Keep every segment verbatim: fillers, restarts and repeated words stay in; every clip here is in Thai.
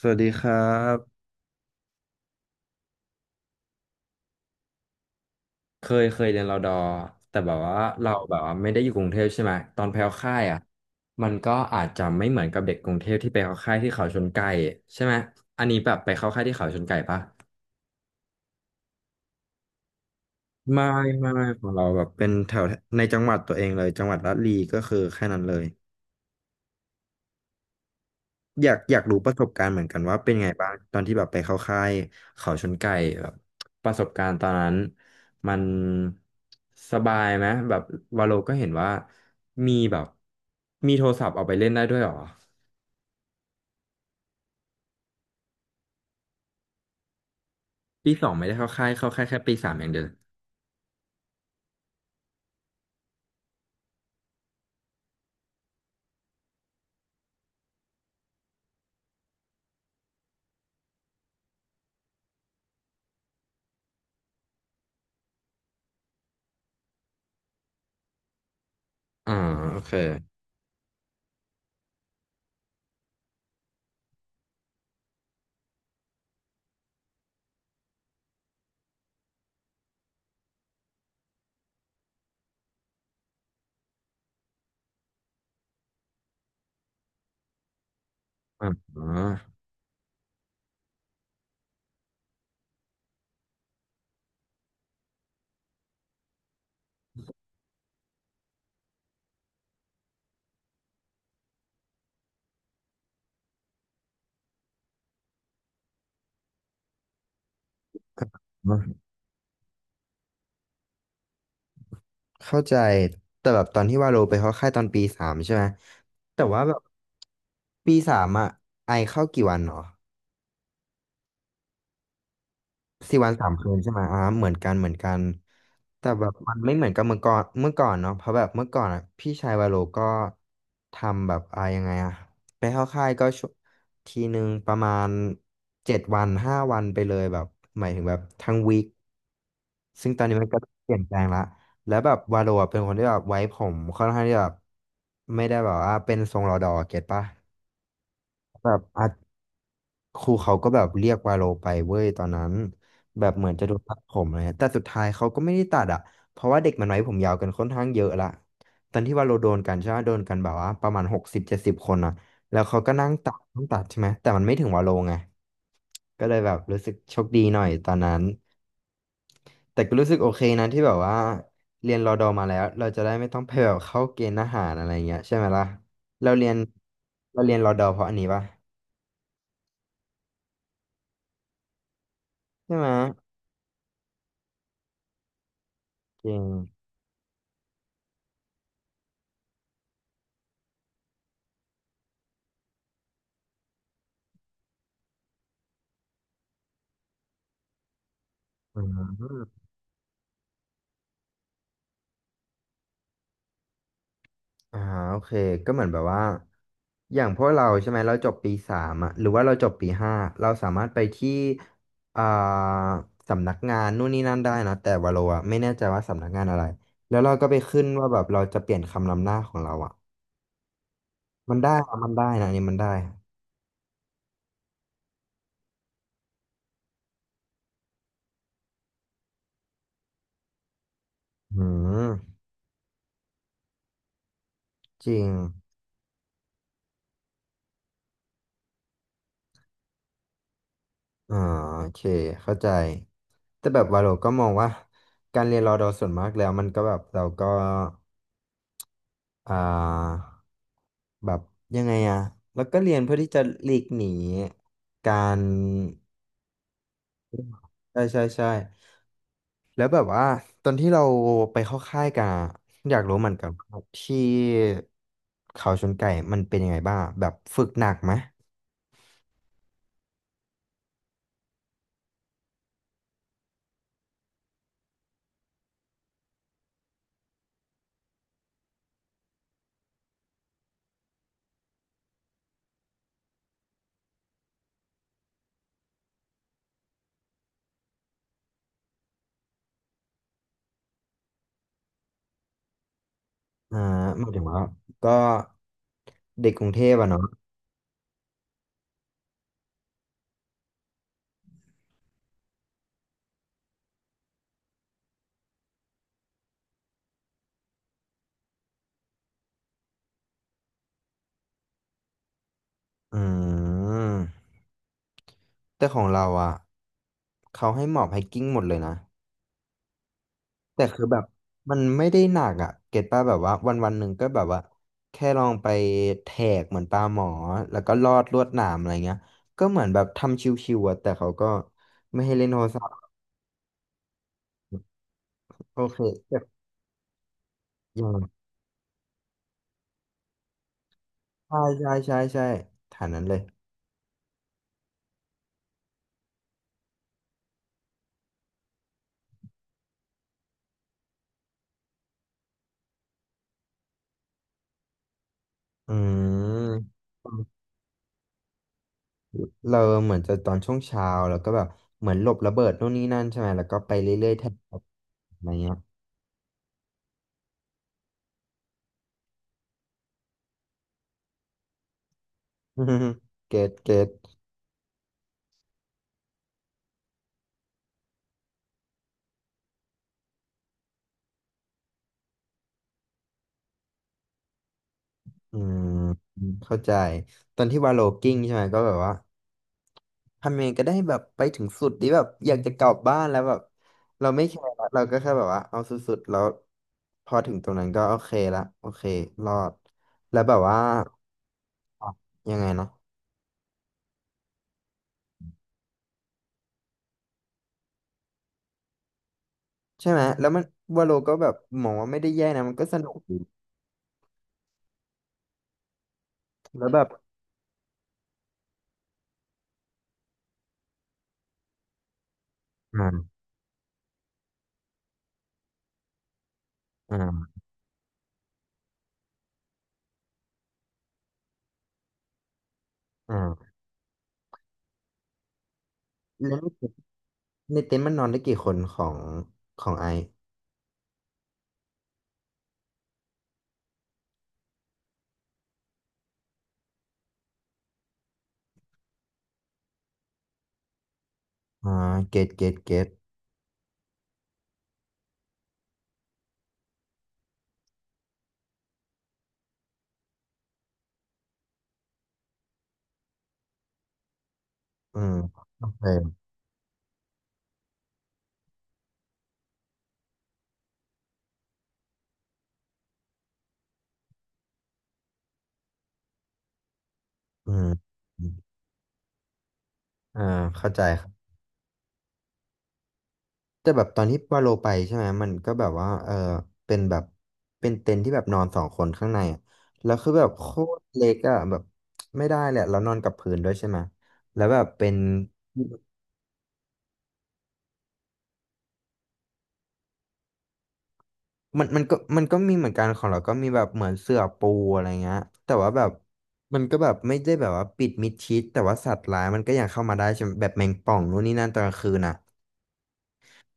สวัสดีครับเคยเคยเรียนรอดอแต่แบบว่าเราแบบว่าไม่ได้อยู่กรุงเทพใช่ไหมตอนไปเข้าค่ายอ่ะมันก็อาจจะไม่เหมือนกับเด็กกรุงเทพที่ไปเข้าค่ายที่เขาชนไก่ใช่ไหมอันนี้แบบไปเข้าค่ายที่เขาชนไก่ปะไม่ไม่ไม่ของเราแบบเป็นแถวในจังหวัดตัวเองเลยจังหวัดระลีก็คือแค่นั้นเลย อยากอยากรู้ประสบการณ์เหมือนกันว่าเป็นไงบ้างตอนที่แบบไปเข้าค่ายเขาชนไก่แบบประสบการณ์ตอนนั้นมันสบายไหมแบบวาโลก็เห็นว่ามีแบบมีโทรศัพท์เอาไปเล่นได้ด้วยเหรอปีสองไม่ได้เข้าค่ายเข้าค่ายแค่ปีสามอย่างเดียวอ่าโอเคอ่าเข้าใจแต่แบบตอนที่วาโลไปเข้าค่ายตอนปีสามใช่ไหมแต่ว่าแบบปีสามอ่ะไอเข้ากี่วันเหรอ สี่วันสามคืนใช่ไหมอ่าเหมือนกันเหมือนกันแต่แบบมันไม่เหมือนกับเมื่อก่อนเมื่อก่อนเนาะเพราะแบบเมื่อก่อนอ่ะพี่ชายวาโลก็ทำแบบอ่ายังไงอ่ะไปเข้าค่ายก็ชวทีหนึ่งประมาณเจ็ดวันห้าวันไปเลยแบบหมายถึงแบบทั้งวีคซึ่งตอนนี้มันก็เปลี่ยนแปลงละแล้วแบบวาโลอะเป็นคนที่แบบไว้ผมค่อนข้างที่แบบไม่ได้แบบว่าเป็นทรงรอดอเก็ตปะแบบอาจ ครูเขาก็แบบเรียกวาโลไปเว้ยตอนนั้นแบบเหมือนจะโดนตัดผมอะไรเงี้ยแต่สุดท้ายเขาก็ไม่ได้ตัดอ่ะเพราะว่าเด็กมันไว้ผมยาวกันค่อนข้างเยอะละตอนที่วาโลโดนกันใช่ไหมโดนกันแบบว่าประมาณหกสิบเจ็ดสิบคนอ่ะแล้วเขาก็นั่งตัดต้องตัดใช่ไหมแต่มันไม่ถึงวาโลไงก็เลยแบบรู้สึกโชคดีหน่อยตอนนั้นแต่ก็รู้สึกโอเคนะที่แบบว่าเรียนรอดอมาแล้วเราจะได้ไม่ต้องไปแบบเข้าเกณฑ์ทหารอะไรเงี้ยใช่ไหมล่ะเราเรียนเราเรียนรอดอเพราะอันนี้ปะใช่ไหมจริงอืม อ่าโอเคก็เหมือนแบบว่าอย่างพวกเราใช่ไหมเราจบปีสามอะหรือว่าเราจบปีห้าเราสามารถไปที่อ่าสำนักงานนู่นนี่นั่นได้นะแต่ว่าเราอะไม่แน่ใจว่าสำนักงานอะไรแล้วเราก็ไปขึ้นว่าแบบเราจะเปลี่ยนคำนำหน้าของเราอะมันได้อะมันได้นะอันนี้มันได้อะอืมจริงอ่าโอเคเข้าใจแต่แบบว่าเราก็มองว่าการเรียนรอดอส่วนมากแล้วมันก็แบบเราก็ อ่าแบบยังไงอะแล้วก็เรียนเพื่อที่จะหลีกหนีการใช่ใช่ใช่แล้วแบบว่าตอนที่เราไปเข้าค่ายกันอะอยากรู้เหมือนกันว่าที่เขาชนไก่มันเป็นยังไงบ้างแบบฝึกหนักไหมอ่าหมายถึงว่าก็เด็กกรุงเทพอะเนาะอืมแต่ของเราอะเขาให้หมอบไฮกิ้งหมดเลยนะ แต่คือแบบมันไม่ได้หนักอ่ะเก็ตป่ะแบบว่าวันวันหนึ่งก็แบบว่าแค่ลองไปแทกเหมือนปลาหมอแล้วก็ลอดลวดหนามอะไรเงี้ยก็เหมือนแบบทำชิวๆอะแต่เขาก็ไม่ให้เล่นโทรศัพท์โอเคแบบอย่างใช่ใช่ใช่ใช่ฐานนั้นเลยอืมเราเหมือนจะตอนช่วงเช้าแล้วก็แบบเหมือนหลบระเบิดนู่นนี่นั่นใช่ไหมแล้วก็ไปเรื่อยๆแทนอะไรเงี้ย เกตเกตอืมเข้าใจตอนที่วาโลกิ้งใช่ไหมก็แบบว่า ทำยังไงก็ได้แบบไปถึงสุดที่แบบอยากจะกลับบ้านแล้วแบบเราไม่แคร์ละเราก็แค่แบบว่าเอาสุดๆแล้วพอถึงตรงนั้นก็โอเคละโอเครอดแล้วแบบว่าอ่ะยังไงเนาะใช่ไหมแล้วมันวาโลก็แบบมองว่าไม่ได้แย่นะมันก็สนุกดีแล้วแบบอ่าอ่าอ่าแล้วในเต็นท์ในเต็นท์มันนอนได้กี่คนของของไออ่าเกตเกตเกตอืมโอเคอืมอืมอ่าเข้าใจ แต่แบบตอนที่วาโลไปใช่ไหมมันก็แบบว่าเออเป็นแบบเป็นเต็นท์ที่แบบนอนสองคนข้างในอะแล้วคือแบบโคตรเล็กอะแบบไม่ได้แหละแล้วนอนกับพื้นด้วยใช่ไหมแล้วแบบเป็นมันมันก็มันก็มีเหมือนกันของเราก็มีแบบเหมือนเสื่อปูอะไรเงี้ยแต่ว่าแบบมันก็แบบไม่ได้แบบว่าปิดมิดชิดแต่ว่าสัตว์ร้ายมันก็ยังเข้ามาได้ใช่ไหมแบบแมงป่องนู่นนี่นั่นตอนกลางคืนอะ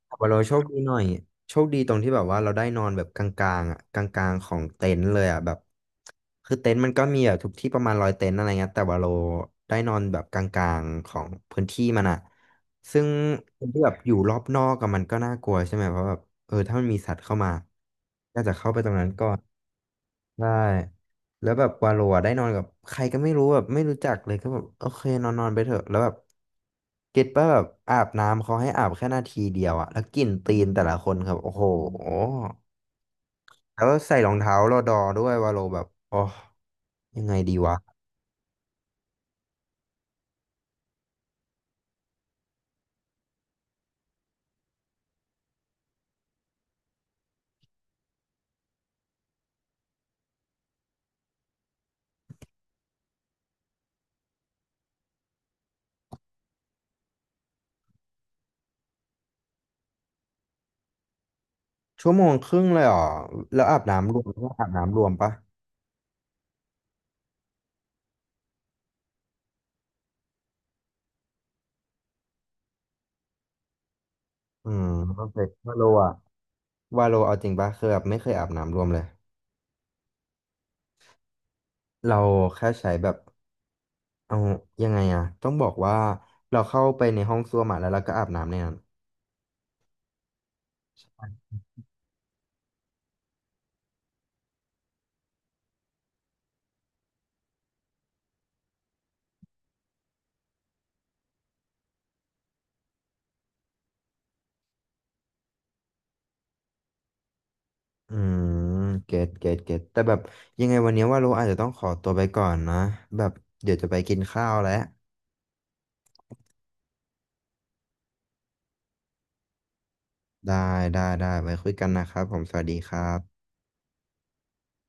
แต่ว่าเราโชคดีหน่อยโชคดีตรงที่แบบว่าเราได้นอนแบบกลางๆอ่ะกลางๆของเต็นท์เลยอ่ะแบบคือเต็นท์มันก็มีแบบทุกที่ประมาณร้อยเต็นท์อะไรเงี้ยแต่ว่าเราได้นอนแบบกลางๆของพื้นที่มันอ่ะซึ่งคนที่แบบอยู่รอบนอกอะมันก็น่ากลัวใช่ไหมเพราะแบบเออถ้ามันมีสัตว์เข้ามาก็จะเข้าไปตรงนั้นก่อนได้ แล้วแบบวาโลอะได้นอนกับใครก็ไม่รู้แบบไม่รู้จักเลยก็แบบโอเคนอนนอนไปเถอะแล้วแบบเก็ตป่ะแบบอาบน้ำเขาให้อาบแค่นาทีเดียวอะแล้วกลิ่นตีนแต่ละคนครับโอ้โหแล้วใส่รองเท้ารอดอด้วยวาโลแบบโอ้ยังไงดีวะชั่วโมงครึ่งเลยเหรอแล้วอาบน้ำรวมก็อาบน้ำรวมปะอืมโอเควาโลอะวาโลเอาจริงปะคือแบบไม่เคยอาบน้ำรวมเลยเราแค่ใช้แบบ เอายังไงอะต้องบอกว่าเราเข้าไปในห้องส้วมอะแล้วเราก็อาบน้ำในนั้นอืมเก็ตเกตเกตแต่แบบยังไงวันนี้ว่าเราอาจจะต้องขอตัวไปก่อนนะแบบเดี๋ยวจะไปกินข้าวแล้วได้ได้ได้ไว้คุยกันนะครับผมสวัสดีครับ